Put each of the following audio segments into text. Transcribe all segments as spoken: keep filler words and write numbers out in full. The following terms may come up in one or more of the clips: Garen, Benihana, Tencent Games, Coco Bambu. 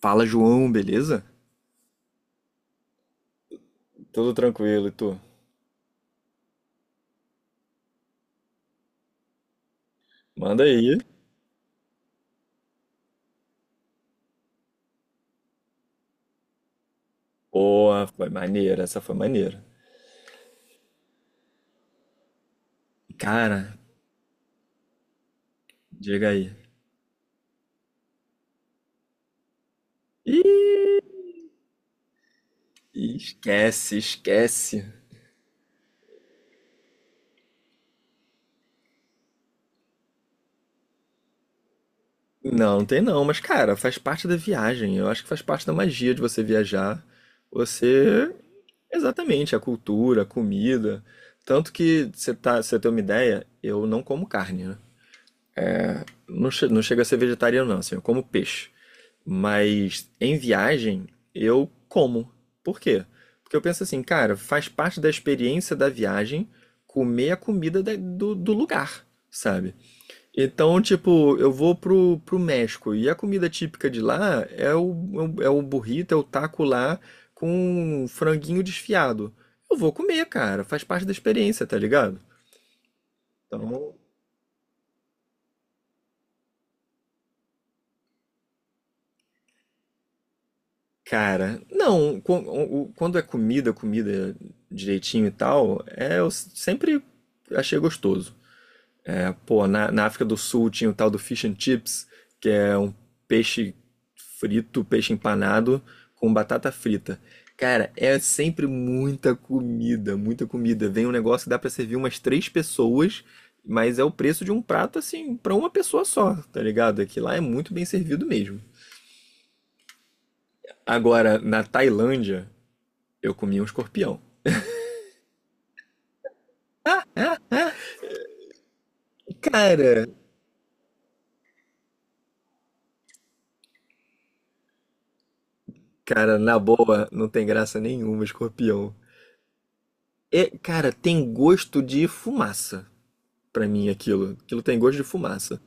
Fala, João, beleza? Tudo tranquilo, e tu? Manda aí. Boa, foi maneira, essa foi maneira. Cara, diga aí. Ih, esquece, esquece. Não, não tem não, mas cara, faz parte da viagem. Eu acho que faz parte da magia de você viajar. Você, exatamente, a cultura, a comida. Tanto que você tá, você tem uma ideia, eu não como carne, né? Não, che- não chega a ser vegetariano não, assim, eu como peixe. Mas em viagem eu como. Por quê? Porque eu penso assim, cara, faz parte da experiência da viagem comer a comida da- do, do lugar, sabe? Então, tipo, eu vou pro, pro México e a comida típica de lá é o, é o burrito, é o taco lá com franguinho desfiado. Eu vou comer, cara, faz parte da experiência, tá ligado? Então, cara, não, quan- o- o- quando é comida, comida direitinho e tal, é, eu sempre achei gostoso. É, pô, na, na África do Sul tinha o tal do fish and chips, que é um peixe frito, peixe empanado com batata frita. Cara, é sempre muita comida, muita comida. Vem um negócio que dá pra servir umas três pessoas, mas é o preço de um prato assim pra uma pessoa só, tá ligado? É que lá é muito bem servido mesmo. Agora, na Tailândia, eu comi um escorpião. Cara, cara, na boa, não tem graça nenhuma escorpião. É, cara, tem gosto de fumaça pra mim aquilo. Aquilo tem gosto de fumaça.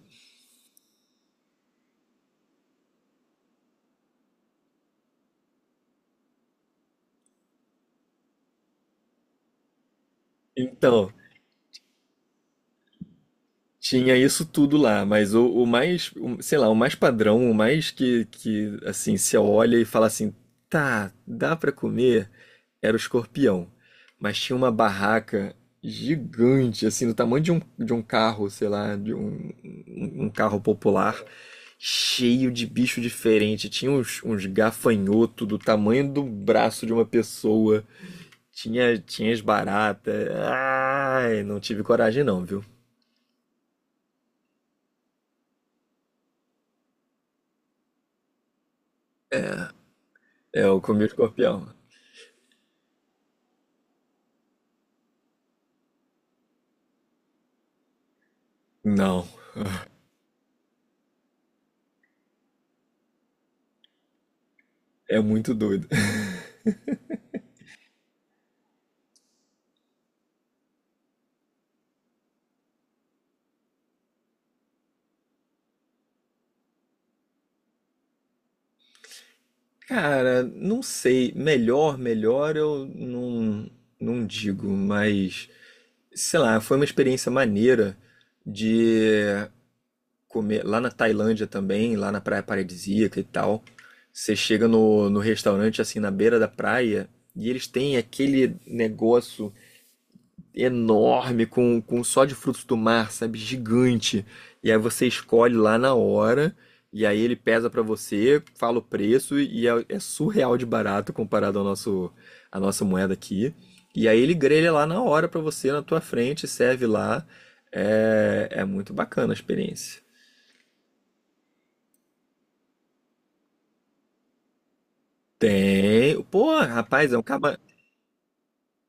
Então, tinha isso tudo lá, mas o, o mais, o- sei lá, o mais padrão, o mais que, que assim, se olha e fala assim, tá, dá pra comer, era o escorpião. Mas tinha uma barraca gigante, assim, do tamanho de um, de um, carro, sei lá, de um, um um carro popular, cheio de bicho diferente. Tinha uns, uns gafanhoto do tamanho do braço de uma pessoa. Tinha, tinha as baratas. Ai, não tive coragem não, viu? É, eu comi o escorpião. Não, é muito doido. Cara, não sei. Melhor, melhor eu não, não digo, mas sei lá, foi uma experiência maneira de comer lá na Tailândia também, lá na praia paradisíaca e tal. Você chega no, no, restaurante assim na beira da praia e eles têm aquele negócio enorme, com, com um só de frutos do mar, sabe? Gigante. E aí você escolhe lá na hora, e aí ele pesa pra você, fala o preço, e é, é, surreal de barato comparado ao nosso, à nossa moeda aqui. E aí ele grelha lá na hora pra você, na tua frente, serve lá. É, é muito bacana a experiência. Tem. Pô, rapaz, é um cama.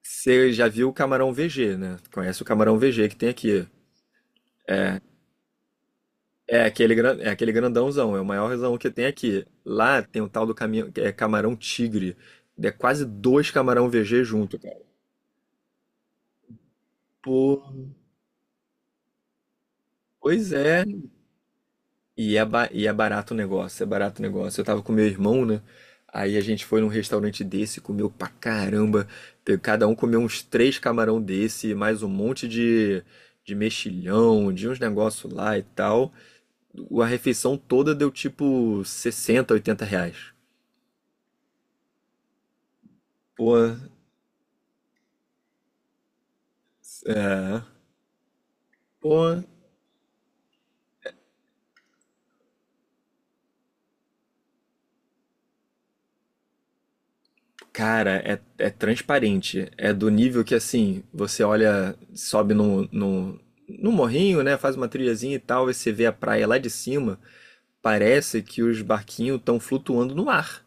Você já viu o camarão V G, né? Conhece o camarão V G que tem aqui. É aquele, gran- é aquele grandãozão, é o maiorzão que tem aqui. Lá tem o tal do caminho, é camarão tigre. É quase dois camarão V G junto, cara. Pô, pois é. E é, ba- e é barato o negócio, é barato o negócio. Eu tava com meu irmão, né? Aí a gente foi num restaurante desse, comeu pra caramba. Pe- Cada um comeu uns três camarão desse, mais um monte de, de, mexilhão, de uns negócios lá e tal. O- A refeição toda deu tipo sessenta oitenta reais. Pô, é. Pô, cara, é, é transparente. É do nível que, assim, você olha, sobe no, no, no morrinho, né? Faz uma trilhazinha e tal, e você vê a praia lá de cima. Parece que os barquinhos estão flutuando no ar.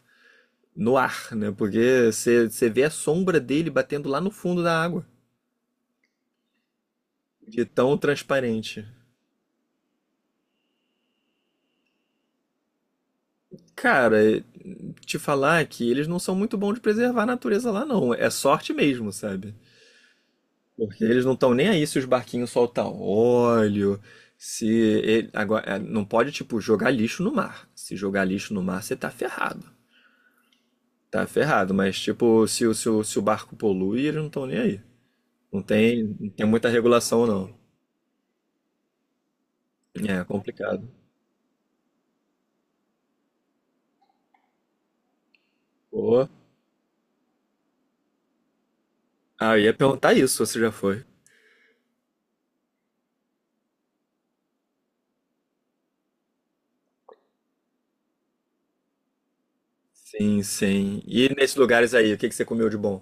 No ar, né? Porque você você vê a sombra dele batendo lá no fundo da água. De tão transparente. Cara, te falar que eles não são muito bons de preservar a natureza lá, não. É sorte mesmo, sabe? Porque eles não estão nem aí se os barquinhos soltam óleo, se ele- agora é, não pode tipo jogar lixo no mar. Se jogar lixo no mar, você tá ferrado. Tá ferrado, mas tipo, se, o- se, o- se o barco polui, eles não estão nem aí. Não tem, não tem muita regulação não. É complicado. Pô. Ah, eu ia perguntar isso, se você já foi. Sim, sim. E nesses lugares aí, o que que você comeu de bom?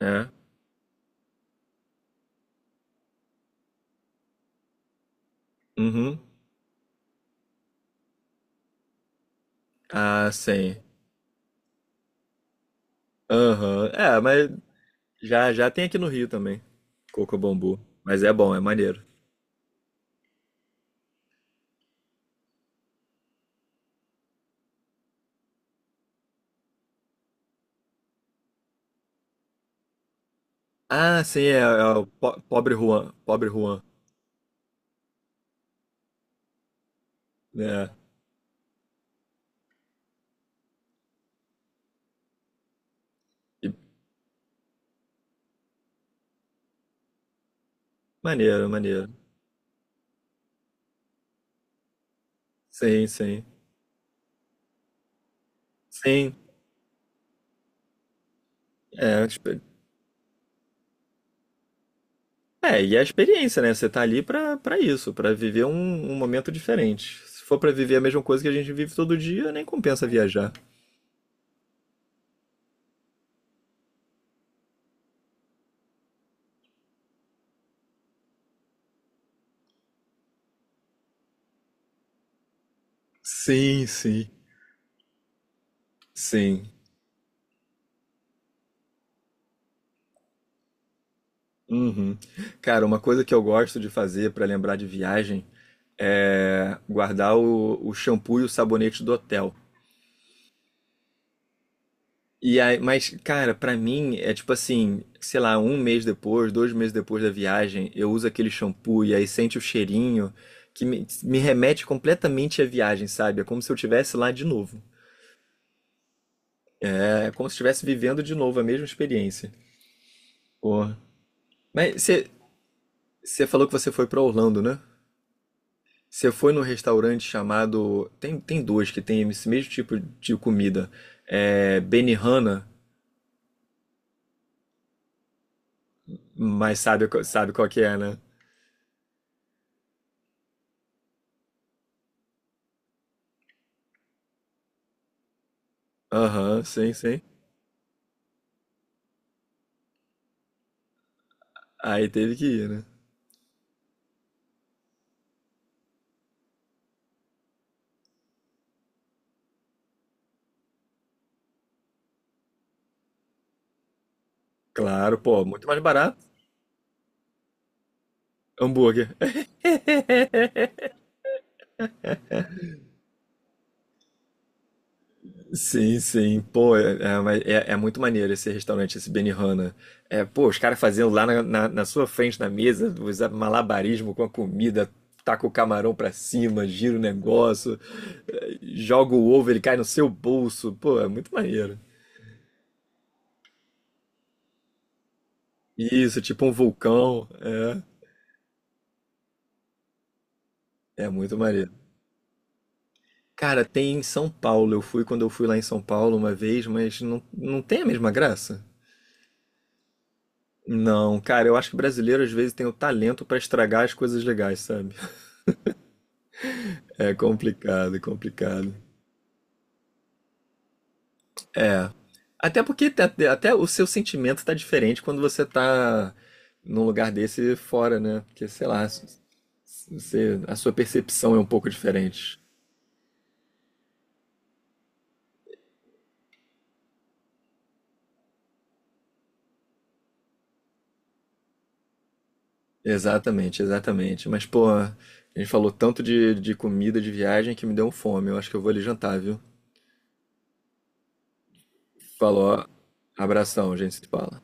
É? Uhum. Ah, sim. Aham. É, mas Já, já tem aqui no Rio também. Coco Bambu. Mas é bom, é maneiro. Ah, sim, é, é o po- Pobre Juan. Pobre Juan. É. E- maneiro, maneiro. Sim, sim. Sim. É, expe- é, e é a experiência, né? Você tá ali pra, pra isso, pra viver um, um momento diferente. Se for pra viver a mesma coisa que a gente vive todo dia, nem compensa viajar. Sim, sim. Sim. Uhum. Cara, uma coisa que eu gosto de fazer pra lembrar de viagem é, guardar o, o shampoo e o sabonete do hotel. E aí, mas, cara, pra mim é tipo assim, sei lá, um mês depois, dois meses depois da viagem, eu uso aquele shampoo e aí sente o cheirinho que me, me remete completamente à viagem, sabe? É como se eu estivesse lá de novo. É como se estivesse vivendo de novo a mesma experiência. Porra. Mas você você falou que você foi pra Orlando, né? Você foi num restaurante chamado. Tem, tem dois que tem esse mesmo tipo de comida. É Benihana. Mas sabe, qual- sabe qual que é, né? Aham, sim, sim. Aí teve que ir, né? Claro, pô, muito mais barato. Hambúrguer. Sim, sim. Pô, é, é, mas é- é muito maneiro esse restaurante, esse Benihana. É, pô, os caras fazendo lá na, na- na sua frente, na mesa, os malabarismo com a comida, taca o camarão pra cima, gira o negócio, é, joga o ovo, ele cai no seu bolso. Pô, é muito maneiro. Isso, tipo um vulcão. É, é muito maneiro. Cara, tem em São Paulo. Eu fui quando eu fui lá em São Paulo uma vez, mas não, não tem a mesma graça. Não, cara, eu acho que brasileiro às vezes tem o talento pra estragar as coisas legais, sabe? É complicado, é complicado. Até porque te- te- até, o seu sentimento tá diferente quando você tá num lugar desse fora, né? Porque, sei lá, s- você, a sua percepção é um pouco diferente. Exatamente, exatamente. Mas, pô, a gente falou tanto de, de comida, de viagem, que me deu um fome. Eu acho que eu vou ali jantar, viu? Falou. Abração, gente se fala.